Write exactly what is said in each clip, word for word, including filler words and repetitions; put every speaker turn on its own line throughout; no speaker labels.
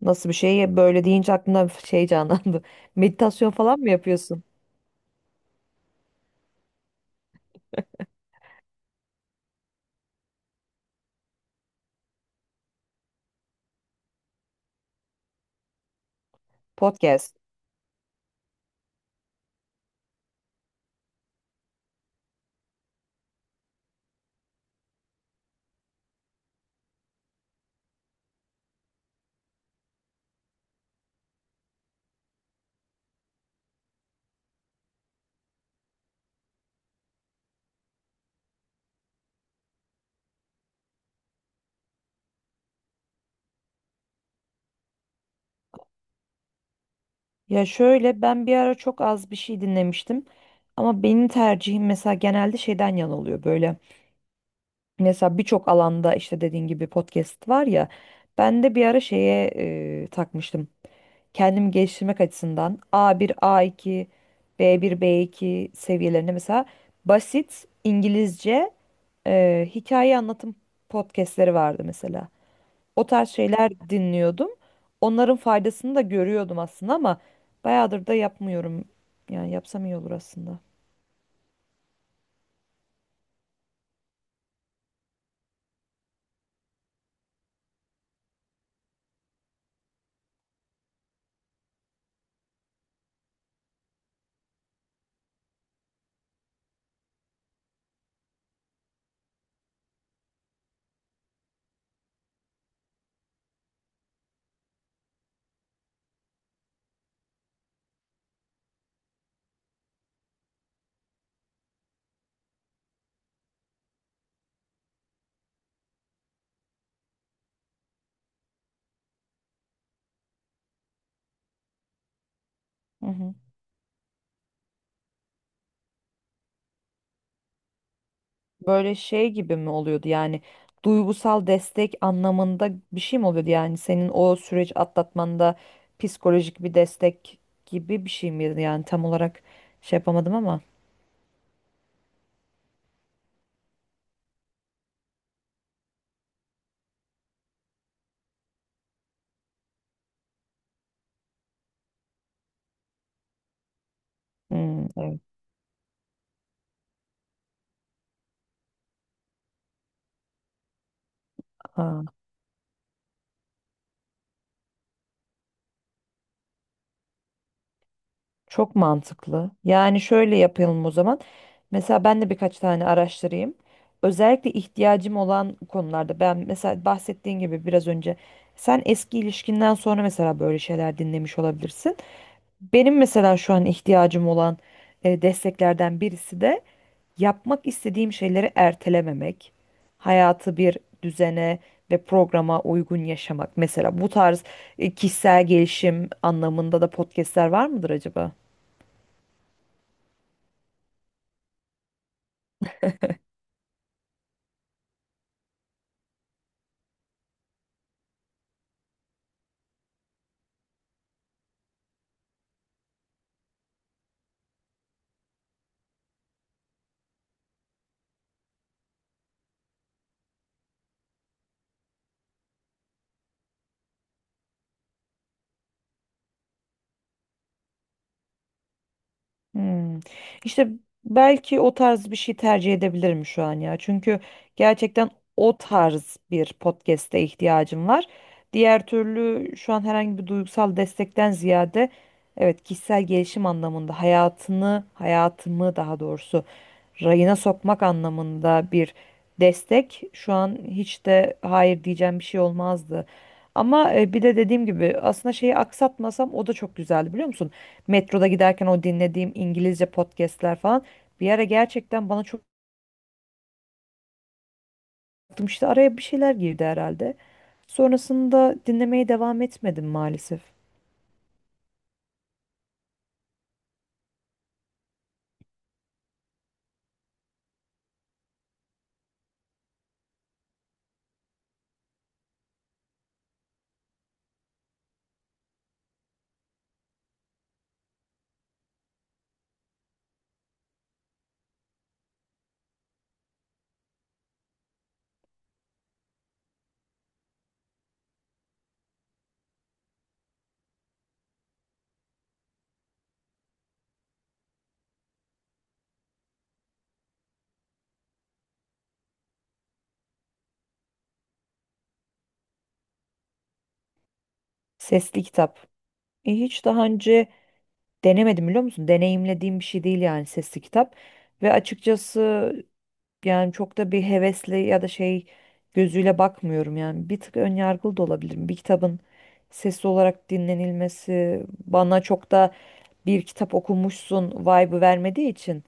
Nasıl bir şey? Böyle deyince aklımda bir şey canlandı. Meditasyon falan mı yapıyorsun? Podcast. Ya şöyle ben bir ara çok az bir şey dinlemiştim. Ama benim tercihim mesela genelde şeyden yana oluyor. Böyle mesela birçok alanda işte dediğin gibi podcast var ya. Ben de bir ara şeye e, takmıştım. Kendimi geliştirmek açısından a bir a iki b bir b iki seviyelerinde mesela basit İngilizce e, hikaye anlatım podcastleri vardı mesela. O tarz şeyler dinliyordum. Onların faydasını da görüyordum aslında ama bayağıdır da yapmıyorum. Yani yapsam iyi olur aslında. Hı hı. Böyle şey gibi mi oluyordu yani duygusal destek anlamında bir şey mi oluyordu yani senin o süreç atlatmanda psikolojik bir destek gibi bir şey miydi yani tam olarak şey yapamadım ama. Hmm, evet. Ha. Çok mantıklı. Yani şöyle yapalım o zaman. Mesela ben de birkaç tane araştırayım. Özellikle ihtiyacım olan konularda ben mesela bahsettiğin gibi biraz önce sen eski ilişkinden sonra mesela böyle şeyler dinlemiş olabilirsin. Benim mesela şu an ihtiyacım olan e, desteklerden birisi de yapmak istediğim şeyleri ertelememek, hayatı bir düzene ve programa uygun yaşamak. Mesela bu tarz e, kişisel gelişim anlamında da podcastler var mıdır acaba? Hmm. İşte belki o tarz bir şey tercih edebilirim şu an ya. Çünkü gerçekten o tarz bir podcast'e ihtiyacım var. Diğer türlü şu an herhangi bir duygusal destekten ziyade evet kişisel gelişim anlamında hayatını, hayatımı daha doğrusu rayına sokmak anlamında bir destek şu an hiç de hayır diyeceğim bir şey olmazdı. Ama e, bir de dediğim gibi aslında şeyi aksatmasam o da çok güzeldi biliyor musun? Metroda giderken o dinlediğim İngilizce podcastler falan bir ara gerçekten bana çok işte araya bir şeyler girdi herhalde. Sonrasında dinlemeye devam etmedim maalesef. Sesli kitap. E, hiç daha önce denemedim biliyor musun? Deneyimlediğim bir şey değil yani sesli kitap. Ve açıkçası yani çok da bir hevesli ya da şey gözüyle bakmıyorum yani. Bir tık ön yargılı da olabilirim. Bir kitabın sesli olarak dinlenilmesi bana çok da bir kitap okumuşsun vibe'ı vermediği için.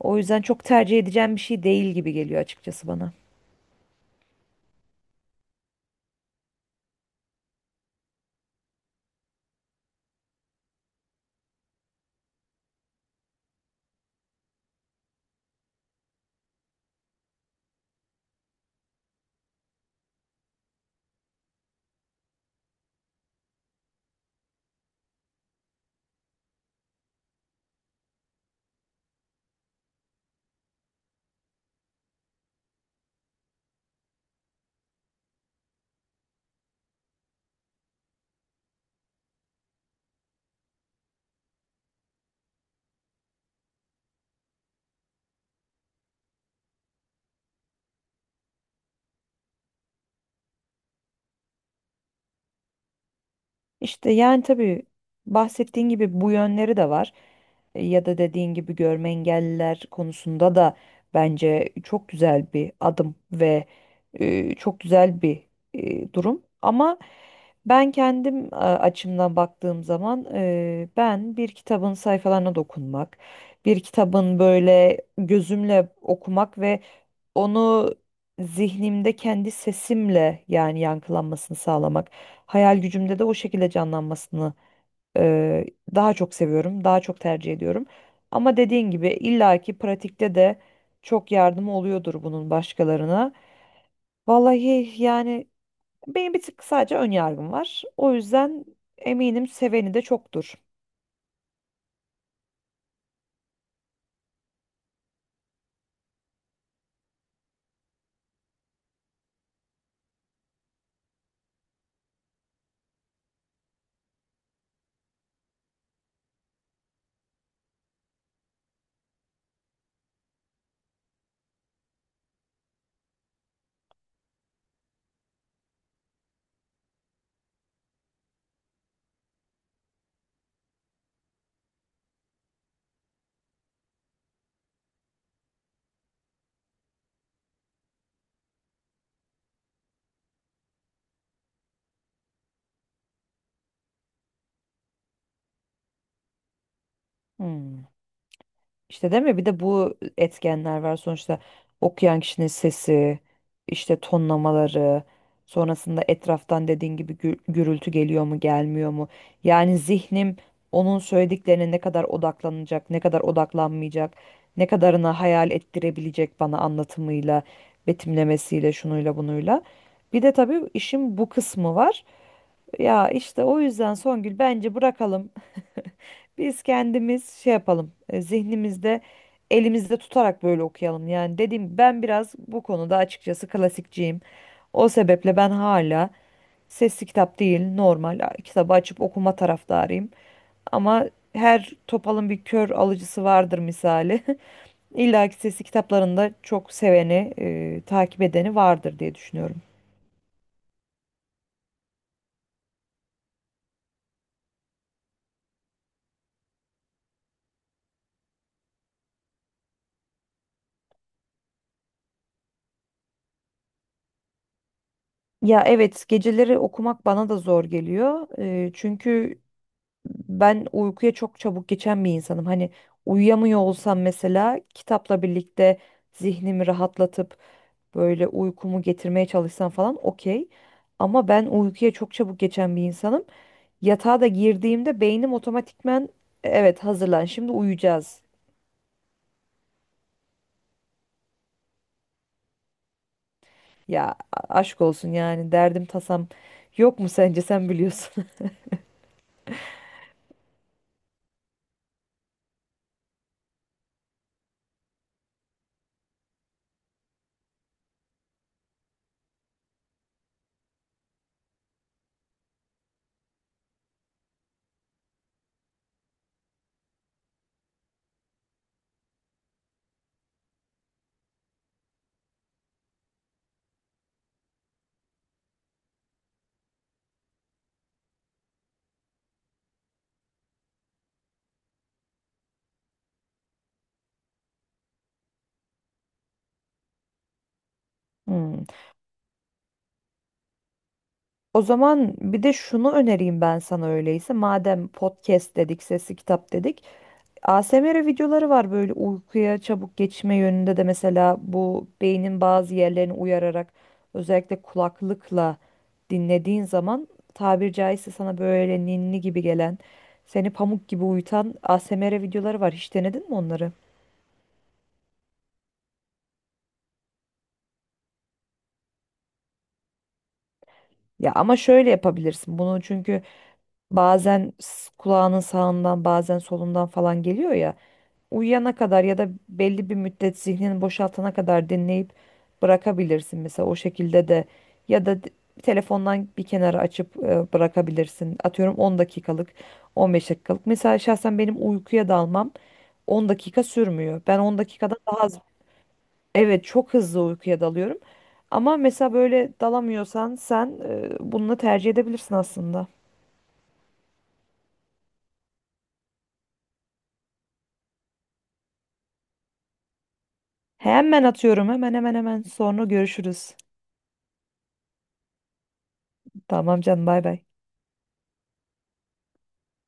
O yüzden çok tercih edeceğim bir şey değil gibi geliyor açıkçası bana. İşte yani tabii bahsettiğin gibi bu yönleri de var. E, Ya da dediğin gibi görme engelliler konusunda da bence çok güzel bir adım ve e, çok güzel bir e, durum. Ama ben kendim e, açımdan baktığım zaman e, ben bir kitabın sayfalarına dokunmak, bir kitabın böyle gözümle okumak ve onu zihnimde kendi sesimle yani yankılanmasını sağlamak, hayal gücümde de o şekilde canlanmasını e, daha çok seviyorum, daha çok tercih ediyorum. Ama dediğin gibi illaki pratikte de çok yardımı oluyordur bunun başkalarına. Vallahi yani benim bir tık sadece ön yargım var. O yüzden eminim seveni de çoktur. Hmm. İşte değil mi? Bir de bu etkenler var sonuçta okuyan kişinin sesi, işte tonlamaları, sonrasında etraftan dediğin gibi gü- gürültü geliyor mu, gelmiyor mu? Yani zihnim onun söylediklerine ne kadar odaklanacak, ne kadar odaklanmayacak, ne kadarını hayal ettirebilecek bana anlatımıyla, betimlemesiyle, şunuyla bunuyla. Bir de tabii işin bu kısmı var. Ya işte o yüzden Songül bence bırakalım biz kendimiz şey yapalım, e, zihnimizde elimizde tutarak böyle okuyalım. Yani dediğim ben biraz bu konuda açıkçası klasikçiyim. O sebeple ben hala sesli kitap değil normal a- kitabı açıp okuma taraftarıyım. Ama her topalın bir kör alıcısı vardır misali. İlla ki sesli kitaplarında çok seveni, e, takip edeni vardır diye düşünüyorum. Ya evet geceleri okumak bana da zor geliyor. E, çünkü ben uykuya çok çabuk geçen bir insanım. Hani uyuyamıyor olsam mesela kitapla birlikte zihnimi rahatlatıp böyle uykumu getirmeye çalışsam falan okey. Ama ben uykuya çok çabuk geçen bir insanım. Yatağa da girdiğimde beynim otomatikmen evet hazırlan şimdi uyuyacağız. Ya a- aşk olsun yani derdim tasam yok mu sence sen biliyorsun. Hmm. O zaman bir de şunu önereyim ben sana öyleyse. Madem podcast dedik, sesli kitap dedik. A S M R videoları var böyle uykuya çabuk geçme yönünde de mesela bu beynin bazı yerlerini uyararak özellikle kulaklıkla dinlediğin zaman tabir caizse sana böyle ninni gibi gelen, seni pamuk gibi uyutan A S M R videoları var. Hiç denedin mi onları? Ya ama şöyle yapabilirsin bunu çünkü bazen s- kulağının sağından bazen solundan falan geliyor ya. Uyuyana kadar ya da belli bir müddet zihnini boşaltana kadar dinleyip bırakabilirsin mesela o şekilde de ya da d- telefondan bir kenara açıp e, bırakabilirsin. Atıyorum on dakikalık, on beş dakikalık. Mesela şahsen benim uykuya dalmam on dakika sürmüyor. Ben on dakikadan daha az evet çok hızlı uykuya dalıyorum. Ama mesela böyle dalamıyorsan sen e, bunu tercih edebilirsin aslında. Hemen atıyorum hemen hemen hemen sonra görüşürüz. Tamam canım bay bay.